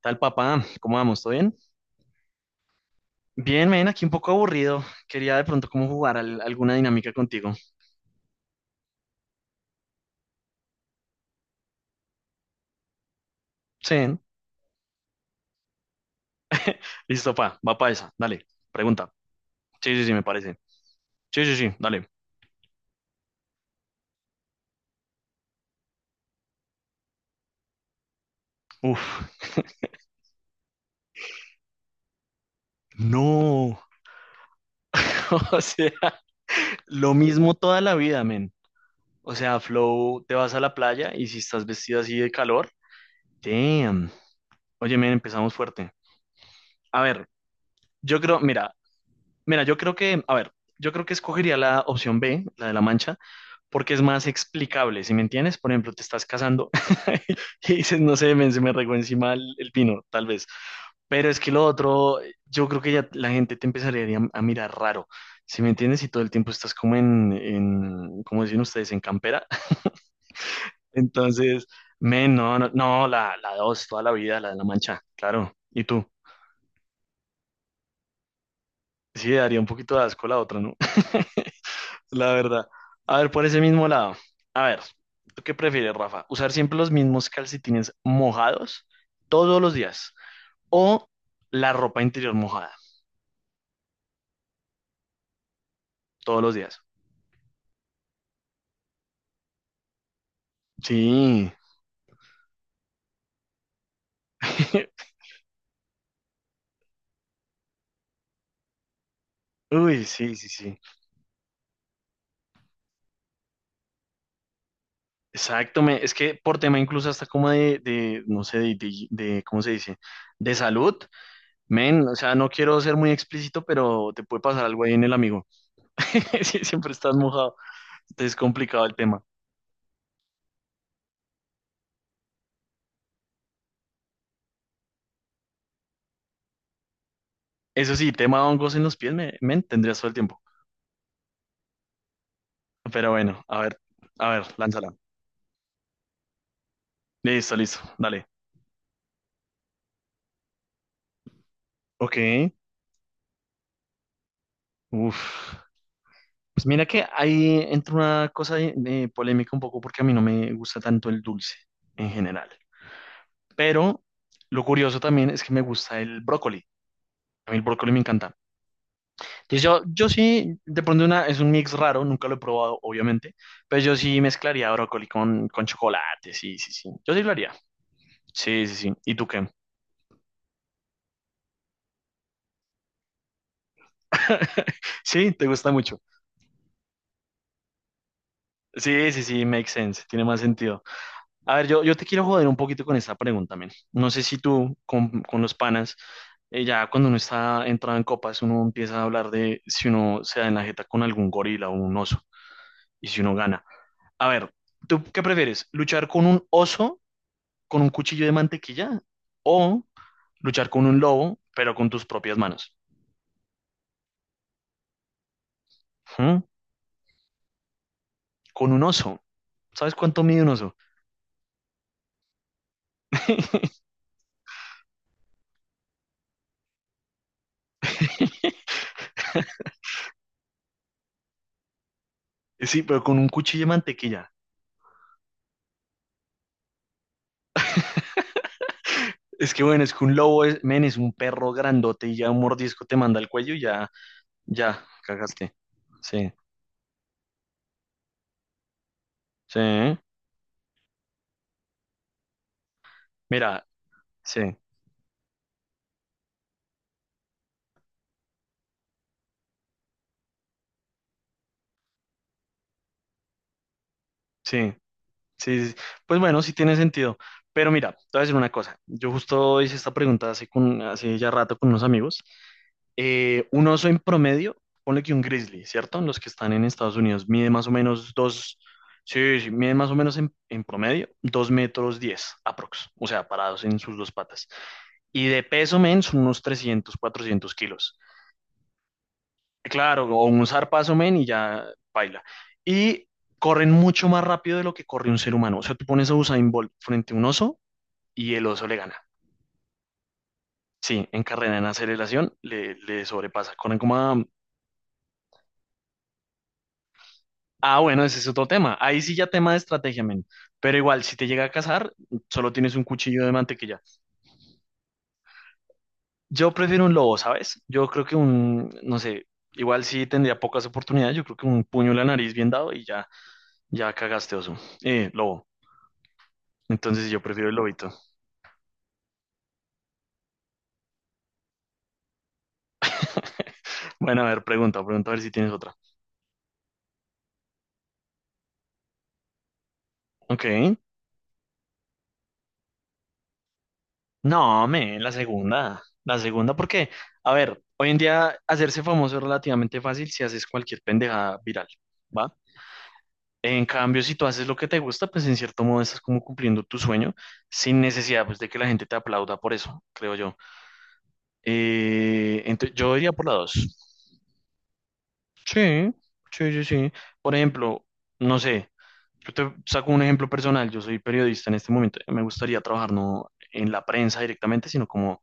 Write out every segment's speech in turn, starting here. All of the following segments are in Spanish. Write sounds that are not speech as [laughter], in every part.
Tal papá, ¿cómo vamos? ¿Todo bien? Bien, men, aquí un poco aburrido. Quería de pronto cómo jugar alguna dinámica contigo. Sí. ¿No? Listo, pa, va pa esa. Dale, pregunta. Sí, sí, sí, me parece. Sí, sí, sí, dale. Uf, no. [laughs] O sea, lo mismo toda la vida, men. O sea, Flow, te vas a la playa y si estás vestido así de calor, damn. Oye, men, empezamos fuerte. A ver, yo creo, mira, mira, yo creo que, a ver, yo creo que escogería la opción B, la de la mancha, porque es más explicable, ¿si me entiendes? Por ejemplo, te estás casando [laughs] y dices, no sé, men, se me regó encima el pino, tal vez. Pero es que lo otro, yo creo que ya la gente te empezaría a mirar raro, ¿si me entiendes? Y todo el tiempo estás como ¿cómo dicen ustedes? En campera. [laughs] Entonces, men, no, no, no, la dos, toda la vida, la de la mancha, claro. ¿Y tú? Sí, daría un poquito de asco la otra, ¿no? La verdad. A ver, por ese mismo lado. A ver, ¿tú qué prefieres, Rafa? ¿Usar siempre los mismos calcetines mojados todos los días? ¿O la ropa interior mojada todos los días? Sí. [laughs] Uy, sí, sí, sí. Exacto. Es que por tema incluso hasta como de no sé, ¿cómo se dice? De salud. Men, o sea, no quiero ser muy explícito, pero te puede pasar algo ahí en el amigo. [laughs] Sí, siempre estás mojado. Entonces es complicado el tema. Eso sí, tema hongos en los pies me tendrías todo el tiempo. Pero bueno, a ver, lánzala. Listo, listo, dale. Ok, uf. Pues mira que ahí entra una cosa de polémica un poco porque a mí no me gusta tanto el dulce en general. Pero lo curioso también es que me gusta el brócoli. A mí el brócoli me encanta. Entonces yo sí, de pronto una, es un mix raro, nunca lo he probado, obviamente. Pero yo sí mezclaría brócoli con chocolate, sí, sí, sí. Yo sí lo haría. Sí, sí, sí. ¿Y tú qué? Sí, te gusta mucho. Sí, sí, sí, makes sense, tiene más sentido. A ver, yo te quiero joder un poquito con esta pregunta, men. No sé si tú con los panas, ya cuando uno está entrado en copas, uno empieza a hablar de si uno se da en la jeta con algún gorila o un oso y si uno gana. A ver, ¿tú qué prefieres? ¿Luchar con un oso con un cuchillo de mantequilla o luchar con un lobo pero con tus propias manos? ¿Mm? Con un oso. ¿Sabes cuánto mide un oso? [laughs] Sí, pero con un cuchillo de mantequilla. Es que bueno, es que un lobo es, men, es un perro grandote y ya un mordisco te manda al cuello y ya, ya, cagaste. Sí, sí. Mira, sí, sí, sí. Sí. Sí. Pues bueno, sí tiene sentido. Pero mira, te voy a decir una cosa. Yo justo hice esta pregunta hace, con, hace ya rato con unos amigos. Un oso en promedio, ponle que un grizzly, ¿cierto? Los que están en Estados Unidos, mide más o menos dos, sí, sí, mide más o menos en promedio, 2 metros 10, aprox, o sea, parados en sus dos patas. Y de peso, men, son unos 300, 400 kilos. Claro, o un zarpazo, men, y ya baila. Y corren mucho más rápido de lo que corre un ser humano. O sea, tú pones a Usain Bolt frente a un oso y el oso le gana. Sí, en carrera, en aceleración, le sobrepasa. Corren como a... Ah, bueno, ese es otro tema. Ahí sí ya tema de estrategia, men. Pero igual, si te llega a cazar, solo tienes un cuchillo de mantequilla. Yo prefiero un lobo, ¿sabes? Yo creo que un, no sé, igual sí tendría pocas oportunidades. Yo creo que un puño en la nariz bien dado y ya, ya cagaste, oso. Lobo. Entonces yo prefiero el lobito. [laughs] Bueno, a ver, pregunta, pregunta a ver si tienes otra. Ok. No, men, la segunda. La segunda, porque, a ver, hoy en día hacerse famoso es relativamente fácil si haces cualquier pendejada viral. ¿Va? En cambio, si tú haces lo que te gusta, pues en cierto modo estás como cumpliendo tu sueño sin necesidad pues de que la gente te aplauda por eso, creo yo. Yo iría por la dos. Sí, sí, sí, sí. Por ejemplo, no sé, yo te saco un ejemplo personal, yo soy periodista en este momento, me gustaría trabajar no en la prensa directamente, sino como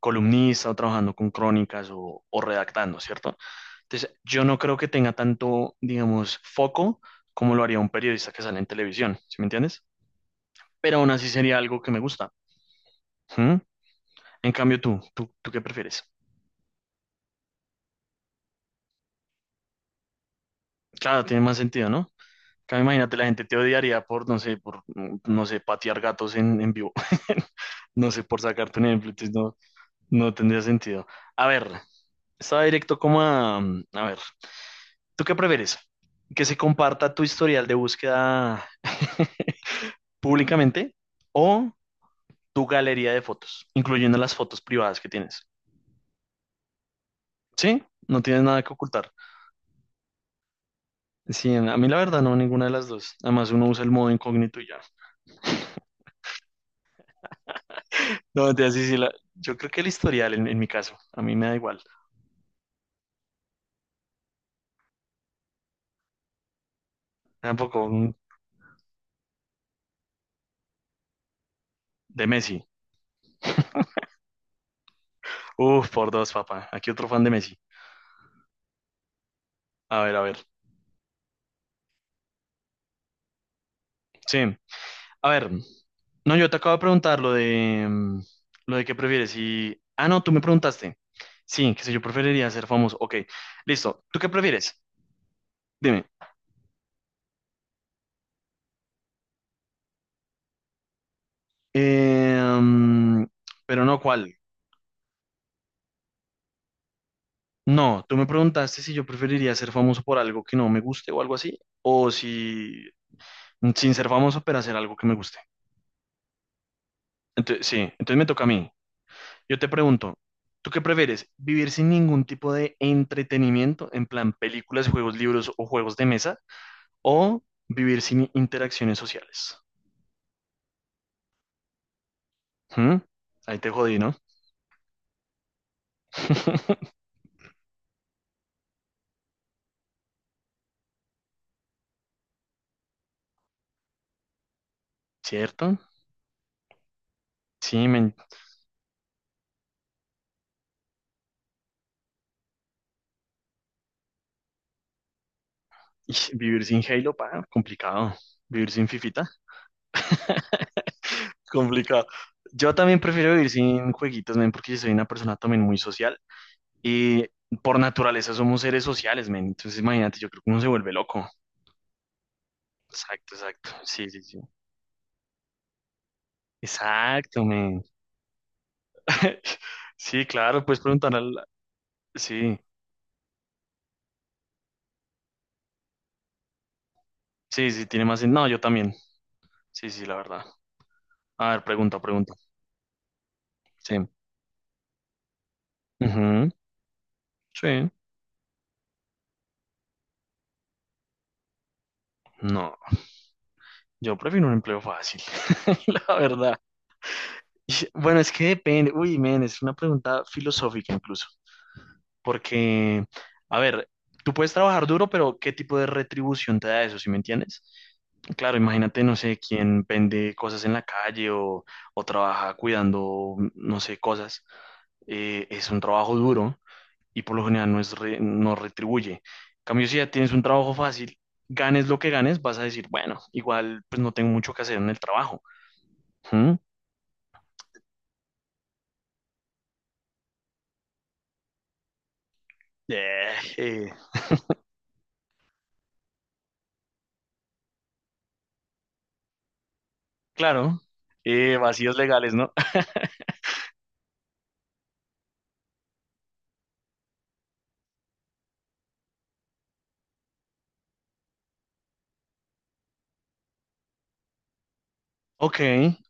columnista o trabajando con crónicas o redactando, ¿cierto? Entonces, yo no creo que tenga tanto, digamos, foco como lo haría un periodista que sale en televisión, ¿sí me entiendes? Pero aún así sería algo que me gusta. ¿Mm? En cambio, ¿tú qué prefieres? Claro, tiene más sentido, ¿no? Claro, imagínate, la gente te odiaría por, no sé, por, mm, no sé, patear gatos en vivo. [laughs] No sé, por sacarte un ejemplo, entonces no, no tendría sentido. A ver, estaba directo como a... mm, a ver, ¿tú qué prefieres? ¿Que se comparta tu historial de búsqueda [laughs] públicamente o tu galería de fotos, incluyendo las fotos privadas que tienes? ¿Sí? No tienes nada que ocultar. Sí, a mí la verdad no, ninguna de las dos. Además uno usa el modo incógnito y ya. No, te sí, sí, yo creo que el historial en mi caso, a mí me da igual. Tampoco un- De Messi. Uf, por dos, papá. Aquí otro fan de Messi. A ver, a ver. Sí, a ver. No, yo te acabo de preguntar lo de mm, lo de qué prefieres y ah no, tú me preguntaste. Sí, que sé yo preferiría ser famoso. Ok, listo. ¿Tú qué prefieres? Dime. Eh, mm, pero no cuál. No, tú me preguntaste si yo preferiría ser famoso por algo que no me guste o algo así, o si sin ser famoso, pero hacer algo que me guste. Entonces, sí, entonces me toca a mí. Yo te pregunto, ¿tú qué prefieres? ¿Vivir sin ningún tipo de entretenimiento, en plan películas, juegos, libros o juegos de mesa, o vivir sin interacciones sociales? ¿Mm? Ahí te jodí, ¿no? [laughs] ¿Cierto? Sí, men. Ish, vivir sin Halo, pa, complicado. Vivir sin Fifita. Complicado. Yo también prefiero vivir sin jueguitos, men, porque yo soy una persona también muy social y por naturaleza somos seres sociales, men. Entonces, imagínate, yo creo que uno se vuelve loco. Exacto, exacto. Sí, sí, sí. Exacto, men. [laughs] Sí, claro, puedes preguntar al... Sí, sí, sí, tiene más... No, yo también. Sí, sí, la verdad. A ver, pregunta, pregunta. Sí. Ujú. Sí. No, yo prefiero un empleo fácil, [laughs] la verdad. Ish, bueno, es que depende. Uy, men, es una pregunta filosófica incluso. Porque, a ver, tú puedes trabajar duro, pero ¿qué tipo de retribución te da eso, si me entiendes? Claro, imagínate, no sé, quién vende cosas en la calle o trabaja cuidando, no sé, cosas. Es un trabajo duro y por lo general no retribuye. En cambio, si ya tienes un trabajo fácil, ganes lo que ganes, vas a decir, bueno, igual pues no tengo mucho que hacer en el trabajo. ¿Mm? Eh, eh, Claro, vacíos legales, ¿no? [laughs] Ok,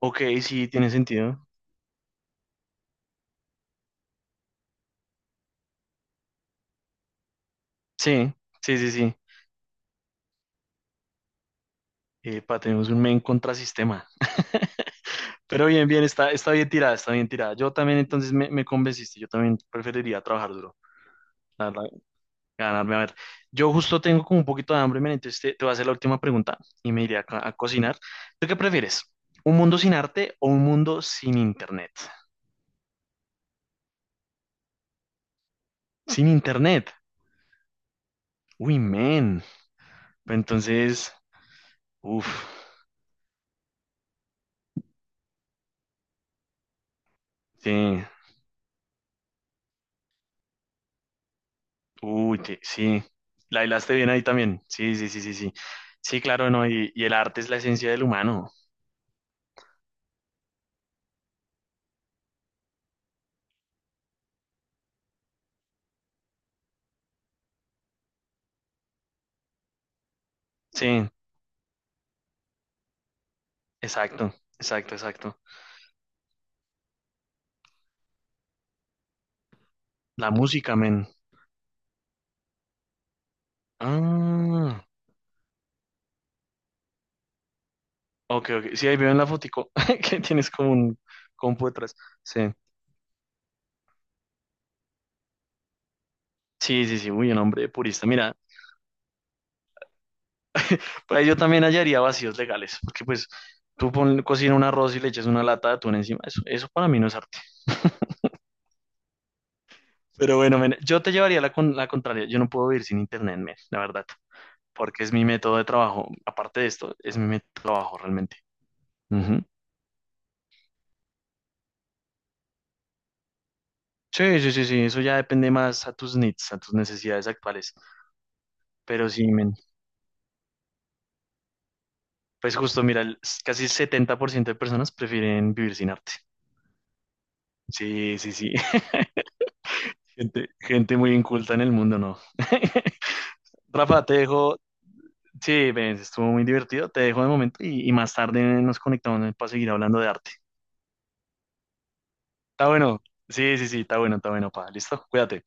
ok, sí, tiene sentido. Sí, sí, sí, sí. Pa, tenemos un men contrasistema. [laughs] Pero bien, bien, está, está bien tirada, está bien tirada. Yo también entonces me convenciste, yo también preferiría trabajar duro, la verdad, ganarme. A ver, yo justo tengo como un poquito de hambre, men, entonces te voy a hacer la última pregunta y me iré a, a cocinar. ¿Tú qué prefieres? ¿Un mundo sin arte o un mundo sin internet? Sin internet. Uy, men. Entonces, uff, sí, uy, que sí, la hilaste bien ahí también. Sí, sí, sí, sí, sí. Sí, claro, no, y el arte es la esencia del humano. Sí, exacto, exacto, exacto. La música, men. Ah, ok, ok. Sí, ahí veo en la fotico [laughs] que tienes como un compu detrás. Sí, sí, sí, sí, uy, un hombre purista. Mira, pues yo también hallaría vacíos legales, porque pues tú pon, cocina un arroz y le echas una lata de atún encima. Eso para mí no es arte. [laughs] Pero bueno, men, yo te llevaría la, la contraria. Yo no puedo vivir sin internet, men, la verdad. Porque es mi método de trabajo. Aparte de esto, es mi método de trabajo realmente. Ujú. Sí, sí, sí, sí, eso ya depende más a tus needs, a tus necesidades actuales. Pero sí, men, pues justo, mira, casi 70% de personas prefieren vivir sin arte. Sí, sí, sí. [laughs] Gente, gente muy inculta en el mundo, ¿no? [laughs] Rafa, te dejo. Sí, ven, estuvo muy divertido. Te dejo de momento y más tarde nos conectamos para seguir hablando de arte. Está bueno. Sí, sí, sí, está bueno, pa. Listo, cuídate.